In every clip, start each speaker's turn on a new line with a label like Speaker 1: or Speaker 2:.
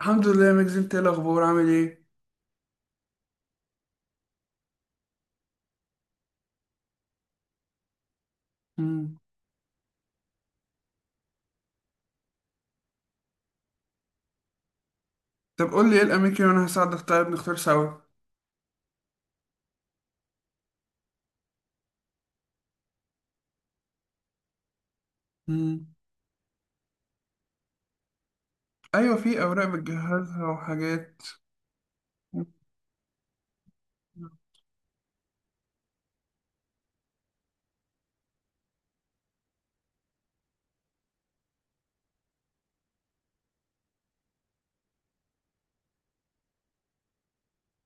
Speaker 1: الحمد لله يا مجزي، انت ايه الاخبار عامل ايه؟ مم. طب قول لي ايه الاماكن وانا هساعدك، طيب نختار سوا. مم. ايوه، في اوراق بتجهزها وحاجات. مم.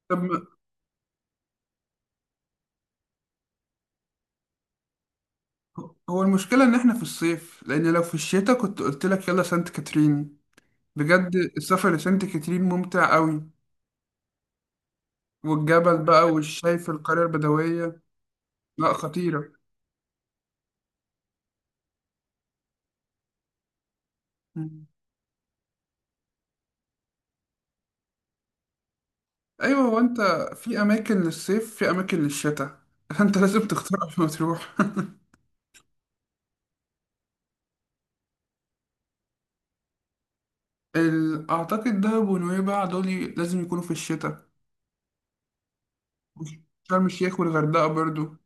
Speaker 1: طب ما هو المشكله ان احنا في الصيف، لان لو في الشتاء كنت قلت لك يلا سانت كاترين. بجد السفر لسانت كاترين ممتع قوي. والجبل بقى والشايف القريه البدويه. لا، خطيره. مم. ايوه، هو انت في اماكن للصيف في اماكن للشتاء. انت لازم تختار قبل ما تروح. أعتقد دهب ونويبع دول لازم يكونوا في الشتاء. شرم الشيخ والغردقة برضو.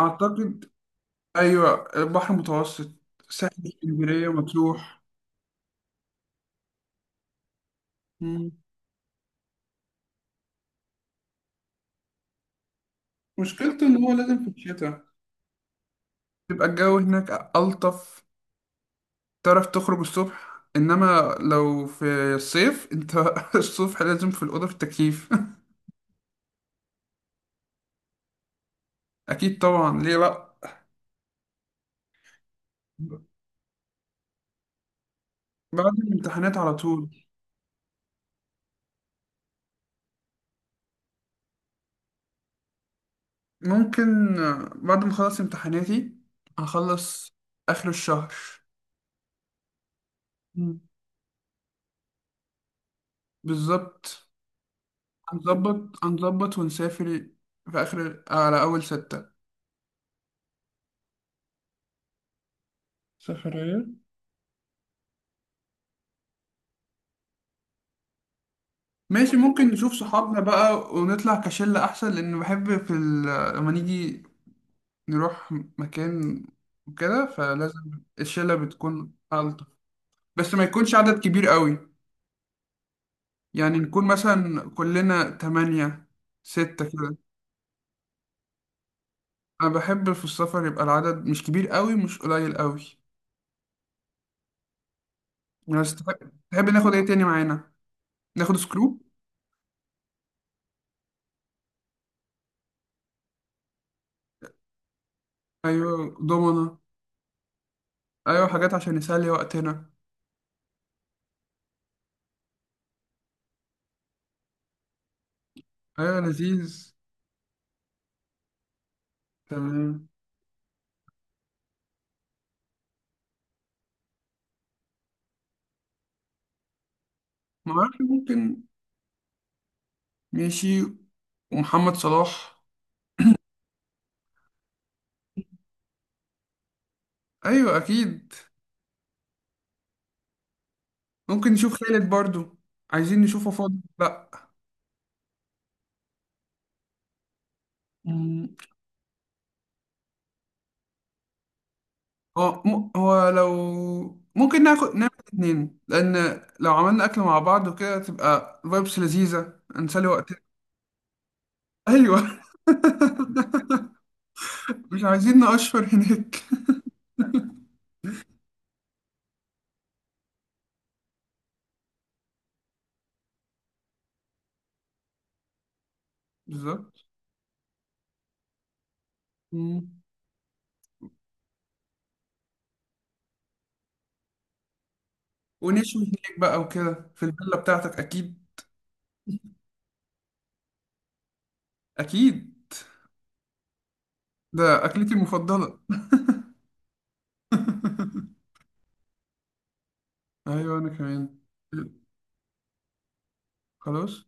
Speaker 1: أعتقد، أيوة، البحر المتوسط. ساحل اسكندرية، مطروح. مم. مشكلته إن هو لازم في الشتاء تبقى الجو هناك ألطف. تعرف تخرج الصبح، إنما لو في الصيف أنت الصبح لازم في الأوضة في التكييف. أكيد طبعا، ليه لأ. بعد الامتحانات على طول. ممكن بعد ما أخلص امتحاناتي، هخلص آخر الشهر. مم. بالظبط. هنظبط ونسافر في آخر على أول ستة. سفرية. ماشي، ممكن نشوف صحابنا بقى ونطلع كشلة أحسن، لأن بحب لما نيجي نروح مكان وكده، فلازم الشلة بتكون ألطف. بس ما يكونش عدد كبير قوي. يعني نكون مثلا كلنا تمانية، ستة كده. انا بحب في السفر يبقى العدد مش كبير قوي مش قليل قوي. بس تحب ناخد ايه تاني معانا؟ ناخد سكرو. ايوه، دومنا. ايوه، حاجات عشان نسلي وقتنا. ايوه، لذيذ. تمام. ما اعرفش، ممكن. ماشي. ومحمد صلاح. ايوه، اكيد. ممكن نشوف خالد برضو. عايزين نشوفه فاضي ولا لا. مم. هو لو ممكن ناخد نعمل اتنين، لان لو عملنا اكل مع بعض وكده تبقى فايبس لذيذة نسلي وقتنا. ايوه. مش عايزين نقشر هناك. بالظبط. مم. ونشوي هناك بقى وكده في الفيلا بتاعتك اكيد. اكيد، ده اكلتي المفضله. ايوه، انا كمان. خلاص،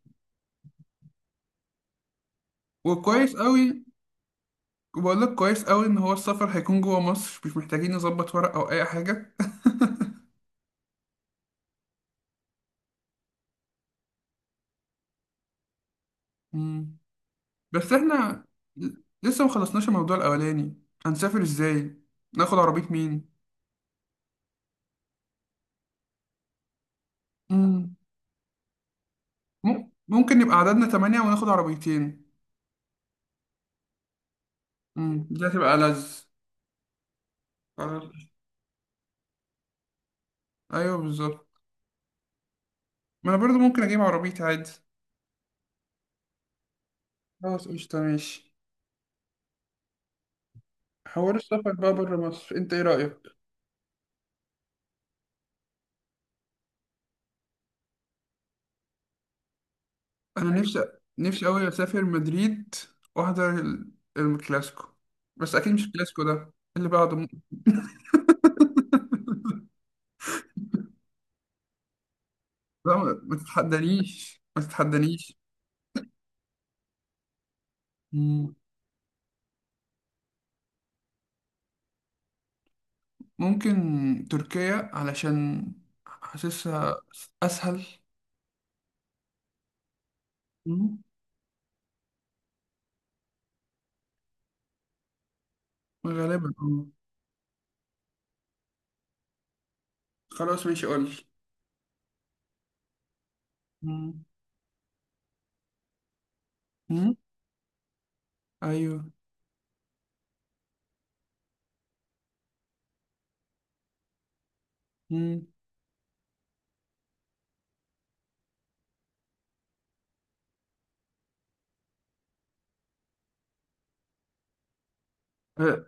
Speaker 1: وكويس قوي. وبقول لك كويس قوي ان هو السفر هيكون جوه مصر، مش محتاجين نظبط ورق او اي حاجه. مم. بس احنا ل- لسه ما خلصناش الموضوع الاولاني، هنسافر ازاي؟ ناخد عربيه. مين؟ ممكن نبقى عددنا تمانية وناخد عربيتين. مم، دي هتبقى ألذ. خلاص. أيوه، بالظبط. ما أنا برضو ممكن أجيب عربيتي عادي. خلاص، قشطة، ماشي. حوار السفر بقى بره مصر، أنت إيه رأيك؟ أنا نفسي، نفسي أوي أسافر مدريد وأحضر الكلاسيكو. بس أكيد مش الكلاسيكو ده، اللي بعده لا، ما تتحدانيش، ما تتحدانيش. مم. ممكن تركيا علشان حاسسها أسهل. مم. غالبا آه. خلاص ماشي، قول لي. مم. مم. ايوه. مم. أه.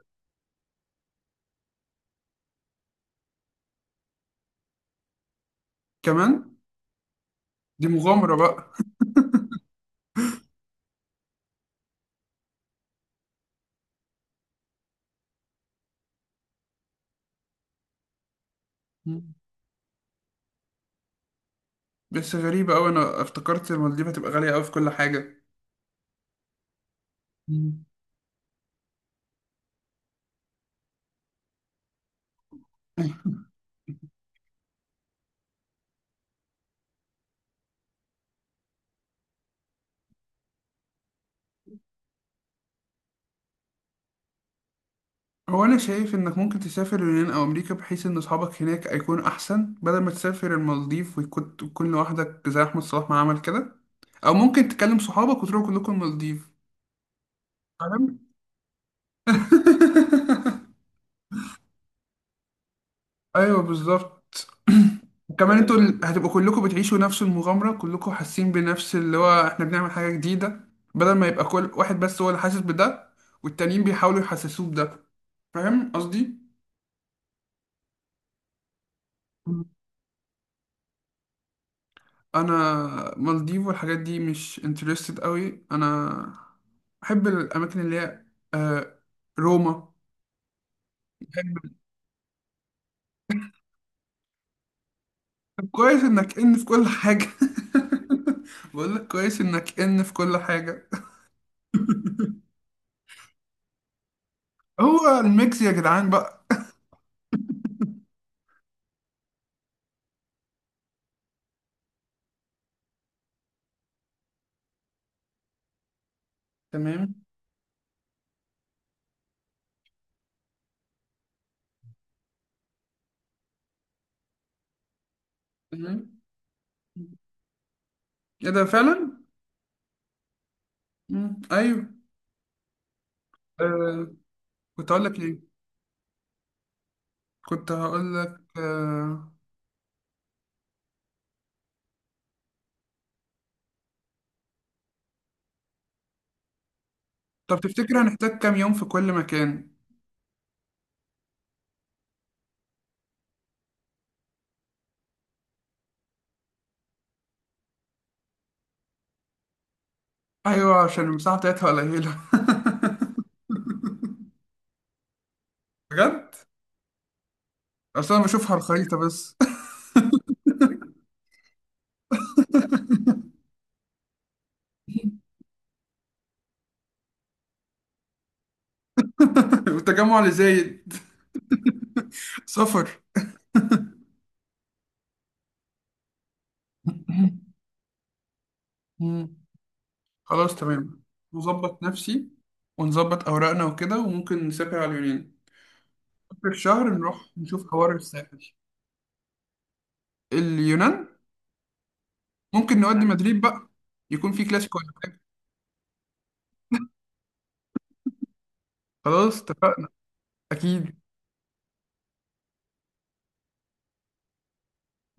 Speaker 1: كمان دي مغامرة بقى. مم. بس غريبة أوي، أنا افتكرت المالديف هتبقى غالية أوي في كل حاجة. مم. هو أنا شايف إنك ممكن تسافر اليونان أو أمريكا، بحيث إن أصحابك هناك هيكون أحسن، بدل ما تسافر المالديف تكون لوحدك زي أحمد صلاح ما عمل كده. أو ممكن تكلم صحابك وتروحوا كلكم المالديف. فاهم؟ أيوه، بالظبط. وكمان انتوا هتبقوا كلكم بتعيشوا نفس المغامرة، كلكم حاسين بنفس اللي هو احنا بنعمل حاجة جديدة. بدل ما يبقى كل واحد بس هو اللي حاسس بده، والتانيين بيحاولوا يحسسوه بده. فاهم قصدي؟ انا مالديف والحاجات دي مش انترستد قوي انا. بحب الاماكن اللي هي آه، روما. بحب. طب كويس انك في كل حاجه. بقول لك كويس انك في كل حاجه. هو الميكس يا جدعان بقى. تمام. تمام، ايه ده فعلا. مم. ايوه. آه. كنت هقول لك ايه. كنت هقول لك آه. طب تفتكر هنحتاج كام يوم في كل مكان؟ ايوه، عشان المساحه بتاعتها قليله. بجد. اصل انا بشوفها على الخريطه بس. والتجمع اللي زايد. سفر. مم. خلاص، تمام. نظبط نفسي ونظبط اوراقنا وكده، وممكن نسافر على اليونان اخر الشهر. نروح نشوف حوار الساحل. اليونان. ممكن نودي مدريد بقى، يكون في كلاسيكو ولا حاجه. خلاص اتفقنا. اكيد.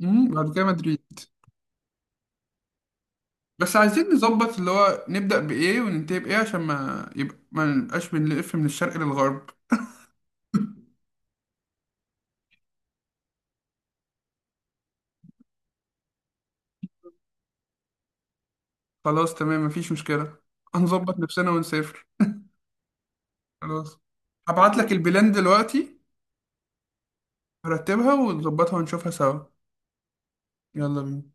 Speaker 1: بعد كده مدريد. بس عايزين نظبط اللي هو نبدأ بإيه وننتهي بإيه، عشان ما نبقاش بنلف من الشرق للغرب. خلاص تمام، مفيش مشكلة. هنظبط نفسنا ونسافر. خلاص. هبعت لك البلان دلوقتي، هرتبها ونظبطها ونشوفها سوا. يلا بينا.